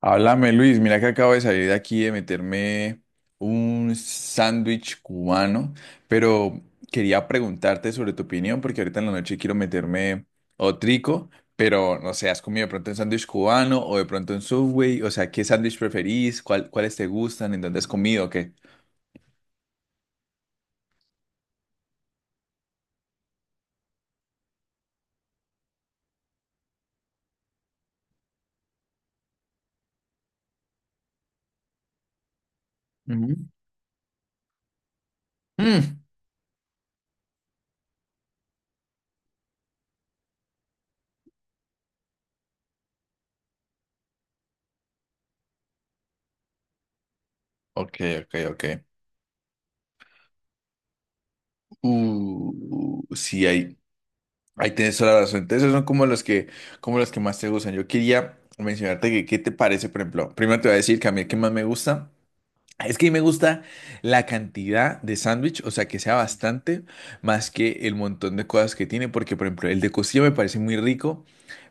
Háblame, Luis. Mira que acabo de salir de aquí de meterme un sándwich cubano, pero quería preguntarte sobre tu opinión porque ahorita en la noche quiero meterme otrico, pero no sé, ¿has comido de pronto un sándwich cubano o de pronto un Subway? O sea, ¿qué sándwich preferís? ¿Cuáles te gustan? ¿En dónde has comido o qué? Ujú. Mm, ok, ok, ok. Sí, hay. Ahí tienes toda la razón. Entonces, esos son como los que más te gustan. Yo quería mencionarte que, qué te parece, por ejemplo. Primero te voy a decir que a mí el que más me gusta es que a mí me gusta la cantidad de sándwich, o sea, que sea bastante más que el montón de cosas que tiene, porque, por ejemplo, el de costilla me parece muy rico,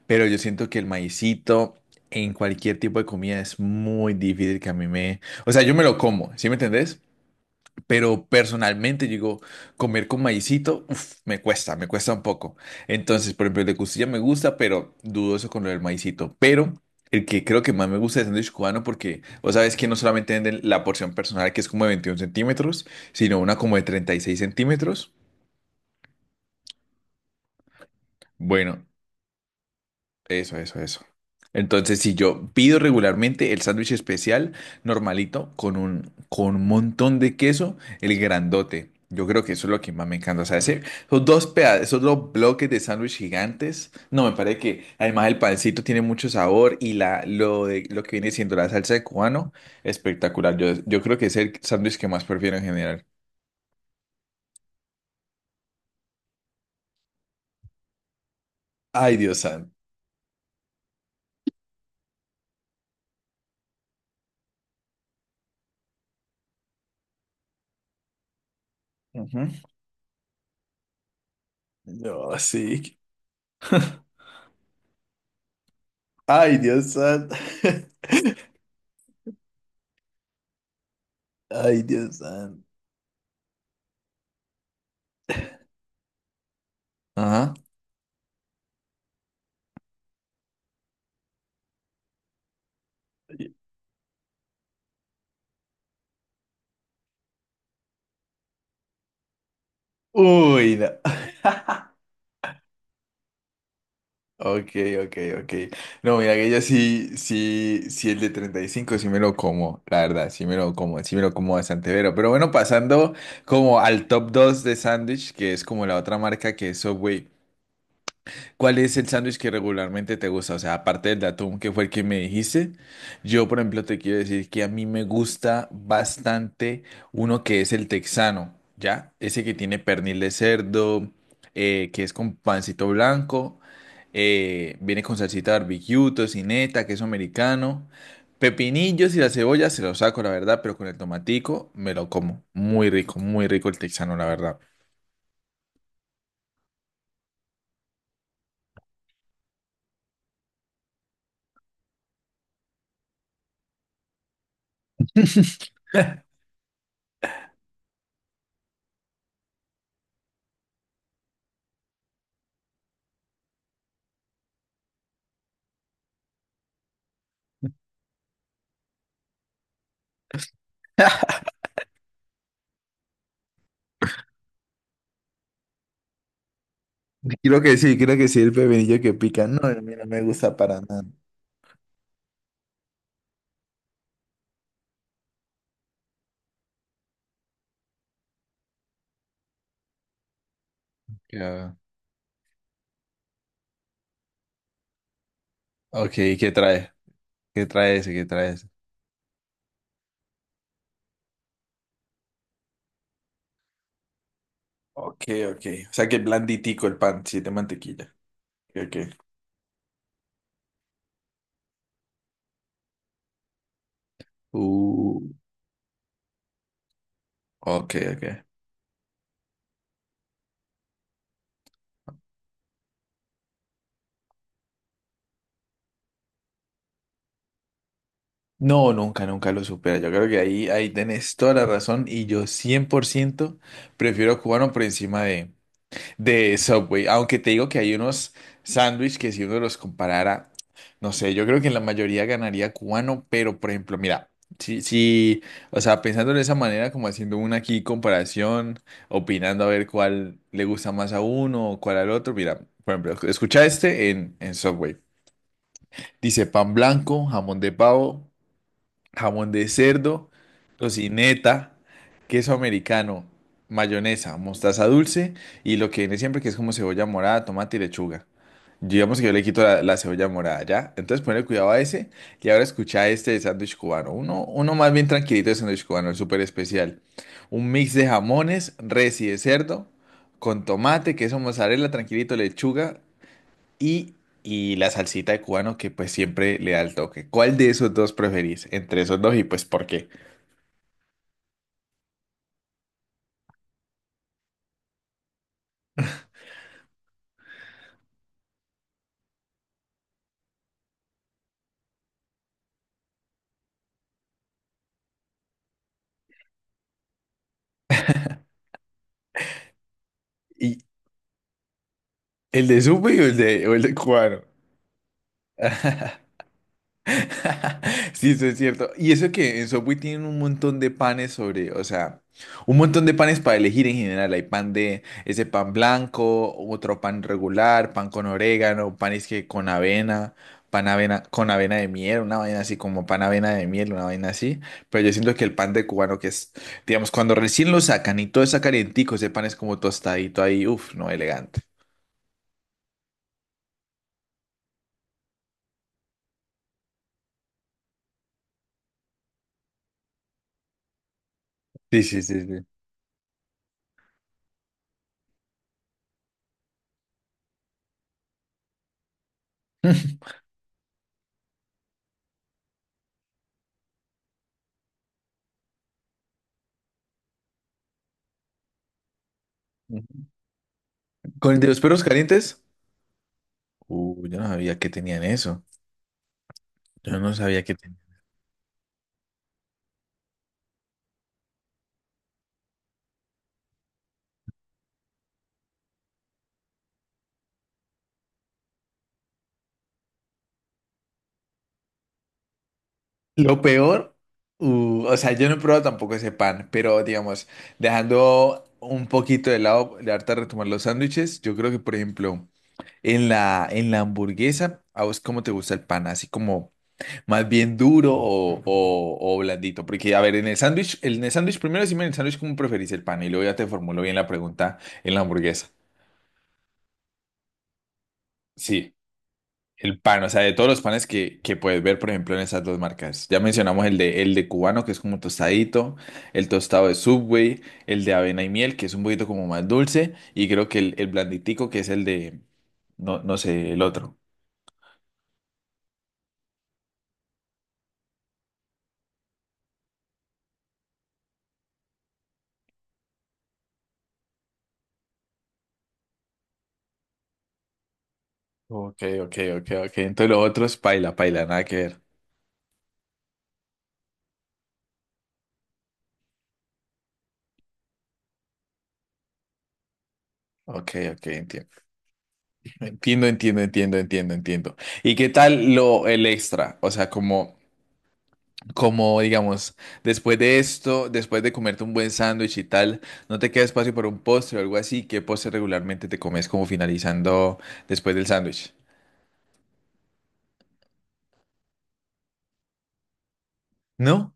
pero yo siento que el maicito en cualquier tipo de comida es muy difícil que a mí me. O sea, yo me lo como, ¿sí me entendés? Pero personalmente, digo, comer con maicito, uf, me cuesta un poco. Entonces, por ejemplo, el de costilla me gusta, pero dudoso con lo del maicito. Pero el que creo que más me gusta es el sándwich cubano porque vos sabes que no solamente venden la porción personal, que es como de 21 centímetros, sino una como de 36 centímetros. Bueno, eso, eso, eso. Entonces, si yo pido regularmente el sándwich especial normalito con un montón de queso, el grandote. Yo creo que eso es lo que más me encanta. O sea, esos dos bloques de sándwich gigantes. No, me parece que además el pancito tiene mucho sabor y lo que viene siendo la salsa de cubano, espectacular. Yo creo que es el sándwich que más prefiero en general. Ay, Dios santo. Ujú. No, sí. Ay, Dios santo. Ay, Dios santo. Ajá. Uy, no. Ok, ok, ok. No, mira que yo sí, sí, sí el de 35, sí me lo como, la verdad, sí me lo como, sí me lo como bastante pero. Pero bueno, pasando como al top 2 de sándwich, que es como la otra marca que es Subway. ¿Cuál es el sándwich que regularmente te gusta? O sea, aparte del de atún, que fue el que me dijiste, yo, por ejemplo, te quiero decir que a mí me gusta bastante uno que es el texano, ¿ya? Ese que tiene pernil de cerdo, que es con pancito blanco, viene con salsita barbecue, tocineta, queso americano, pepinillos y la cebolla se los saco, la verdad, pero con el tomatico me lo como. Muy rico el texano, la verdad. Creo que sí, creo que sí, el pepinillo que pica. No, a mí no me gusta para nada. Ya. Ok, ¿qué trae? ¿Qué trae ese? ¿Qué trae ese? Ok, ok. O sea que blanditico el pan, sí, de mantequilla. Ok. Uh, Ok, ok. No, nunca, nunca lo supera. Yo creo que ahí, ahí tenés toda la razón y yo 100% prefiero cubano por encima de Subway, aunque te digo que hay unos sándwiches que si uno los comparara, no sé, yo creo que en la mayoría ganaría cubano, pero por ejemplo, mira, si, si, o sea, pensando de esa manera, como haciendo una aquí comparación, opinando a ver cuál le gusta más a uno o cuál al otro, mira, por ejemplo, escucha este en, Subway. Dice pan blanco, jamón de pavo, jamón de cerdo, tocineta, queso americano, mayonesa, mostaza dulce y lo que viene siempre que es como cebolla morada, tomate y lechuga. Digamos que yo le quito la cebolla morada, ¿ya? Entonces ponle cuidado a ese y ahora escucha este de sándwich cubano. Uno más bien tranquilito de sándwich cubano, el súper especial. Un mix de jamones, res y de cerdo, con tomate, queso mozzarella, tranquilito, lechuga y, y la salsita de cubano que pues siempre le da el toque. ¿Cuál de esos dos preferís? Entre esos dos y pues ¿por qué? ¿Y el de supe o o el de cubano? Sí, eso es cierto. Y eso que en Subway tienen un montón de panes sobre, o sea, un montón de panes para elegir en general. Hay pan de ese pan blanco, otro pan regular, pan con orégano, panes que con avena, pan avena con avena de miel, una vaina así como pan avena de miel, una vaina así. Pero yo siento que el pan de cubano que es, digamos, cuando recién lo sacan y todo está calientico, ese pan es como tostadito ahí, uff, no, elegante. Sí, sí, sí, sí. ¿Con el de los perros calientes? Yo no sabía que tenían eso. Yo no sabía que tenía. Lo peor, o sea, yo no he probado tampoco ese pan, pero digamos, dejando un poquito de lado, de harta retomar los sándwiches, yo creo que, por ejemplo, en la hamburguesa, ¿a vos cómo te gusta el pan? ¿Así como más bien duro o blandito? Porque, a ver, en el sándwich, primero decime en el sándwich cómo preferís el pan y luego ya te formulo bien la pregunta en la hamburguesa. Sí. El pan, o sea, de todos los panes que puedes ver, por ejemplo, en esas dos marcas. Ya mencionamos el de cubano, que es como tostadito, el tostado de Subway, el de avena y miel, que es un poquito como más dulce, y creo que el blanditico, que es el de, no, no sé, el otro. Ok, ok, ok, ok. Entonces lo otro es paila, paila, nada que ver. Ok, ok, entiendo. Entiendo, entiendo, entiendo, entiendo, entiendo. ¿Y qué tal lo, el extra? O sea, como... Como, digamos, después de esto, después de comerte un buen sándwich y tal, no te queda espacio para un postre o algo así. ¿Qué postre regularmente te comes como finalizando después del sándwich? ¿No?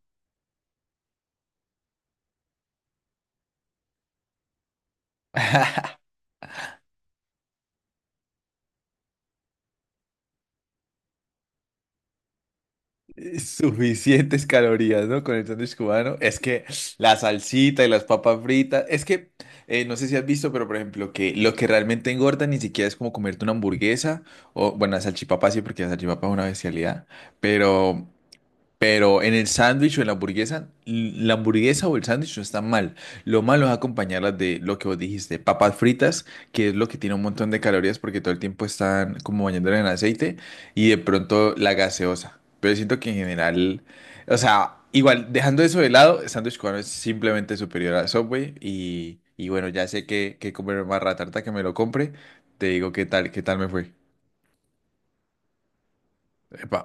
Suficientes calorías, ¿no? Con el sándwich cubano. Es que la salsita y las papas fritas. Es que no sé si has visto, pero por ejemplo, que lo que realmente engorda ni siquiera es como comerte una hamburguesa o, bueno, la salchipapa sí, porque la salchipapa es una bestialidad. Pero. Pero en el sándwich o en la hamburguesa, la hamburguesa o el sándwich no están mal. Lo malo es acompañarlas de lo que vos dijiste, papas fritas, que es lo que tiene un montón de calorías porque todo el tiempo están como bañándola en aceite, y de pronto la gaseosa. Pero siento que en general, o sea, igual, dejando eso de lado, el sándwich cubano es simplemente superior a Subway y bueno, ya sé que comer más ratarta que me lo compre. Te digo qué tal me fue. Epa.